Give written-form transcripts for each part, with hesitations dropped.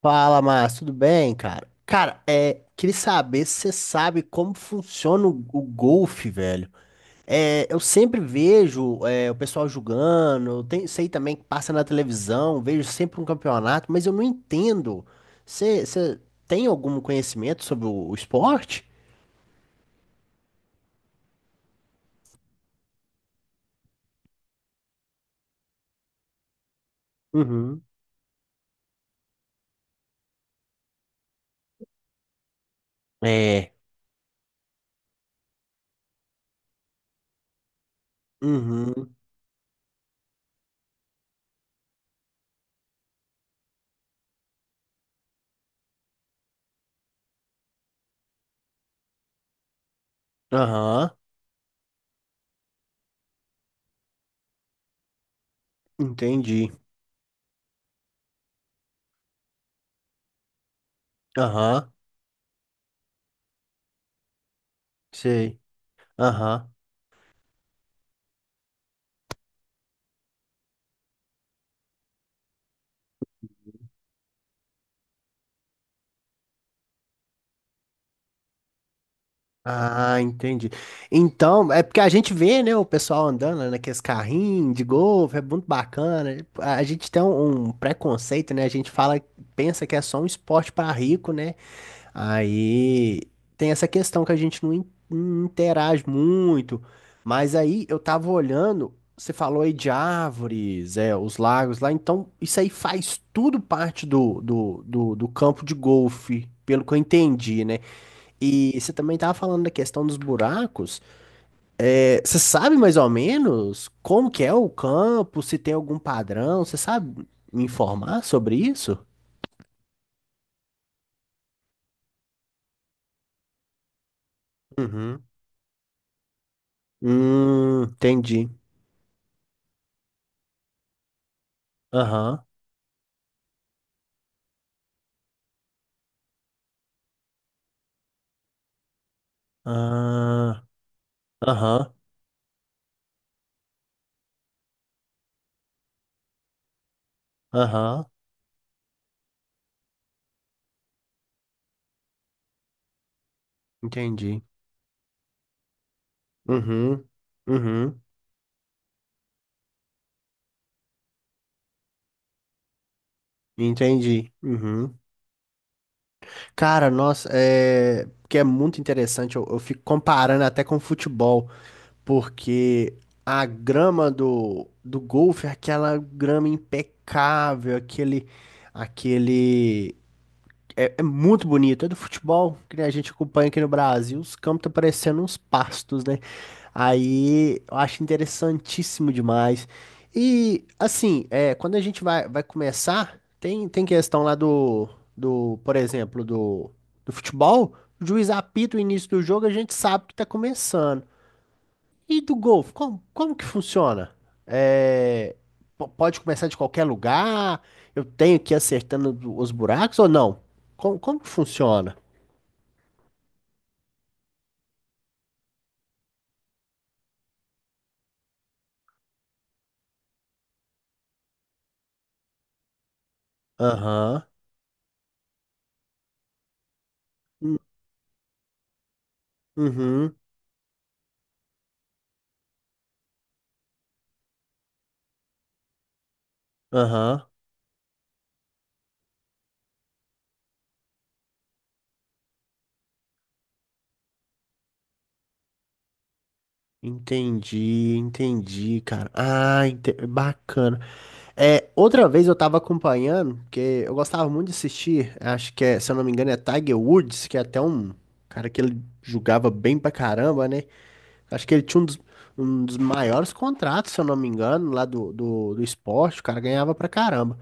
Fala, Márcio, tudo bem, cara? Cara, queria saber se você sabe como funciona o golfe, velho. É, eu sempre vejo o pessoal jogando, sei também que passa na televisão, vejo sempre um campeonato, mas eu não entendo. Você tem algum conhecimento sobre o esporte? Uhum. É. Uhum. Aham. Entendi. Aham. Sei. Aham. Ah, entendi. Então, é porque a gente vê, né, o pessoal andando, né, naqueles carrinhos de golfe, é muito bacana. A gente tem um preconceito, né? A gente pensa que é só um esporte para rico, né? Aí tem essa questão que a gente não não interage muito. Mas aí eu tava olhando, você falou aí de árvores, os lagos lá, então isso aí faz tudo parte do campo de golfe, pelo que eu entendi, né? E você também estava falando da questão dos buracos. É, você sabe mais ou menos como que é o campo, se tem algum padrão? Você sabe me informar sobre isso? Uhum. Entendi. Aham. Ah, aham. Aham. Entendi. Uhum. Uhum. Entendi. Uhum. Cara, nossa, é. Porque é muito interessante, eu fico comparando até com o futebol. Porque a grama do golfe é aquela grama impecável, aquele. É muito bonito, é do futebol que a gente acompanha aqui no Brasil, os campos estão parecendo uns pastos, né? Aí eu acho interessantíssimo demais. E assim, quando a gente vai começar, tem questão lá por exemplo, do futebol, o juiz apita o início do jogo, a gente sabe que está começando. E do golfe, como que funciona? É, pode começar de qualquer lugar? Eu tenho que ir acertando os buracos ou não? Como que funciona? Aham. Hum, uhum. Aham. Entendi, entendi, cara. Ah, bacana. É, outra vez eu tava acompanhando, porque eu gostava muito de assistir, acho que é, se eu não me engano, é Tiger Woods, que é até um cara que ele jogava bem pra caramba, né? Acho que ele tinha um dos maiores contratos, se eu não me engano, lá do esporte. O cara ganhava pra caramba.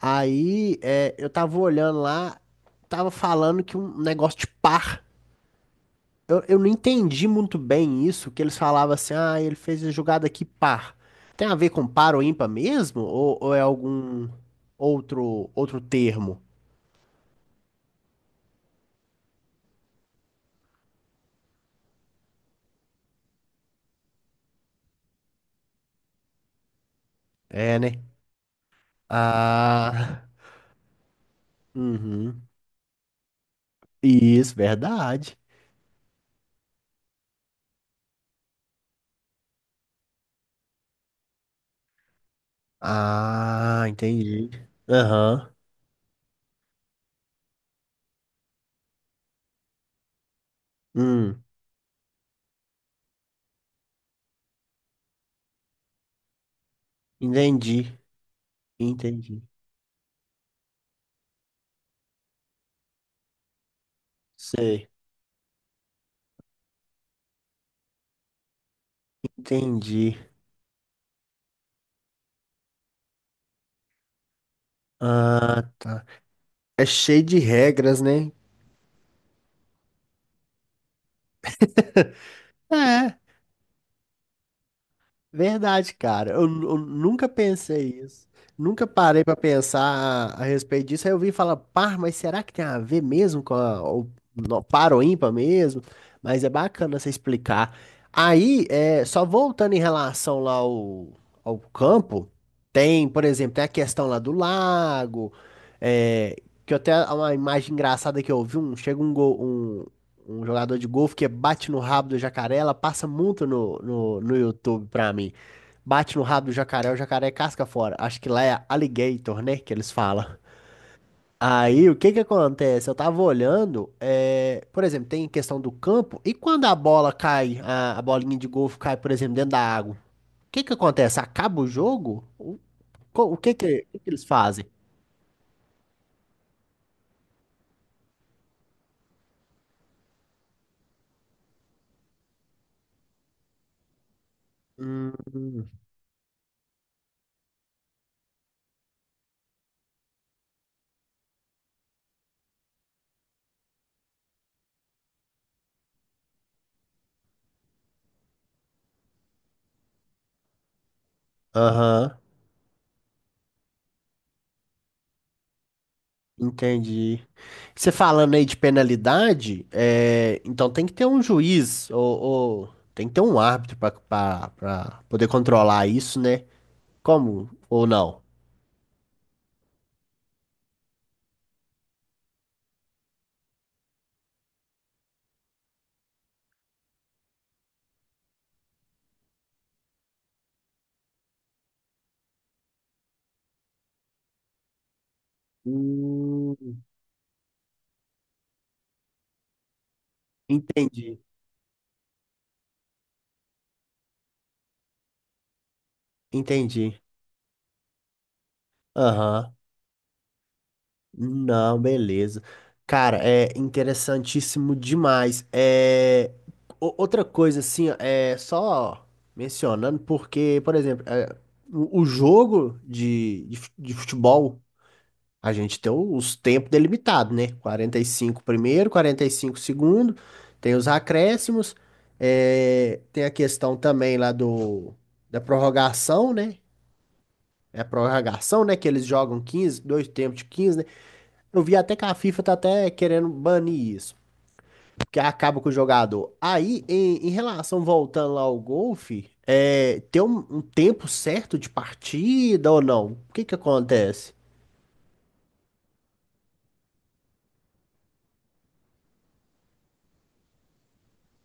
Aí eu tava olhando lá, tava falando que um negócio de par. Eu não entendi muito bem isso, que eles falavam assim, ah, ele fez a jogada aqui par. Tem a ver com par ou ímpar mesmo? Ou é algum outro termo? É, né? Ah, uhum. Isso, verdade. Ah, entendi. Aham. Hum, entendi, entendi. Sei, entendi. Ah, tá. É cheio de regras, né? É. Verdade, cara. Eu nunca pensei isso. Nunca parei pra pensar a respeito disso. Aí eu vim falar, par, mas será que tem a ver mesmo com no, par ou ímpar mesmo? Mas é bacana você explicar. Aí, só voltando em relação lá ao campo, tem, por exemplo, tem a questão lá do lago, é, que eu até uma imagem engraçada que eu vi, chega um jogador de golfe que bate no rabo do jacaré, ela passa muito no YouTube pra mim. Bate no rabo do jacaré, o jacaré casca fora. Acho que lá é alligator, né? Que eles falam. Aí, o que que acontece? Eu tava olhando, por exemplo, tem questão do campo, e quando a bola cai, a bolinha de golfe cai, por exemplo, dentro da água, o que que acontece? Acaba o jogo? O que que eles fazem? Hum, Aham, entendi. Você falando aí de penalidade, então tem que ter um juiz ou tem que ter um árbitro para poder controlar isso, né? Como ou não? Hum, entendi, entendi. Aham. Não, beleza. Cara, é interessantíssimo demais. É, outra coisa, assim, ó, é só mencionando, porque, por exemplo, o jogo de futebol. A gente tem os tempos delimitados, né? 45 primeiro, 45 segundo, tem os acréscimos, tem a questão também lá do da prorrogação, né? É a prorrogação, né? Que eles jogam 15, dois tempos de 15, né? Eu vi até que a FIFA tá até querendo banir isso, porque acaba com o jogador. Aí, em relação, voltando lá ao golfe, tem um tempo certo de partida ou não? O que que acontece?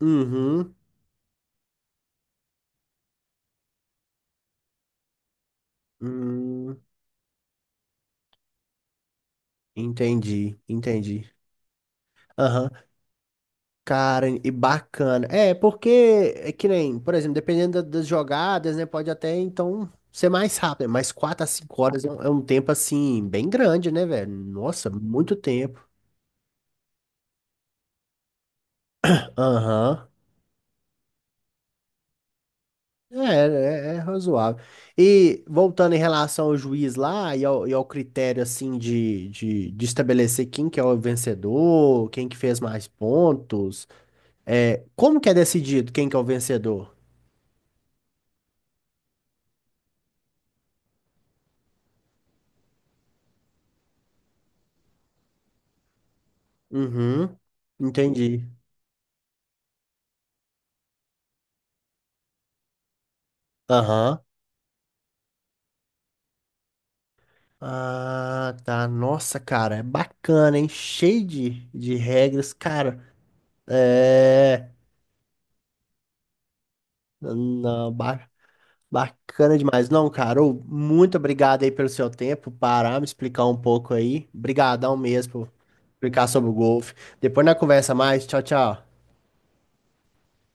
Uhum. Hum, entendi, entendi. Aham. Cara, e bacana. É, porque é que nem, por exemplo, dependendo das jogadas, né? Pode até então ser mais rápido, mas 4 a 5 horas é um tempo assim, bem grande, né, velho? Nossa, muito tempo. Aham. É, é razoável. E voltando em relação ao juiz lá e ao critério assim de estabelecer quem que é o vencedor, quem que fez mais pontos, como que é decidido quem que é o vencedor? Uhum, entendi. Aham. Ah, tá. Nossa, cara, é bacana, hein? Cheio de regras, cara. É. Não, bacana demais. Não, cara, ô, muito obrigado aí pelo seu tempo, parar, me explicar um pouco aí. Obrigadão mesmo por explicar sobre o golfe. Depois na conversa mais. Tchau, tchau.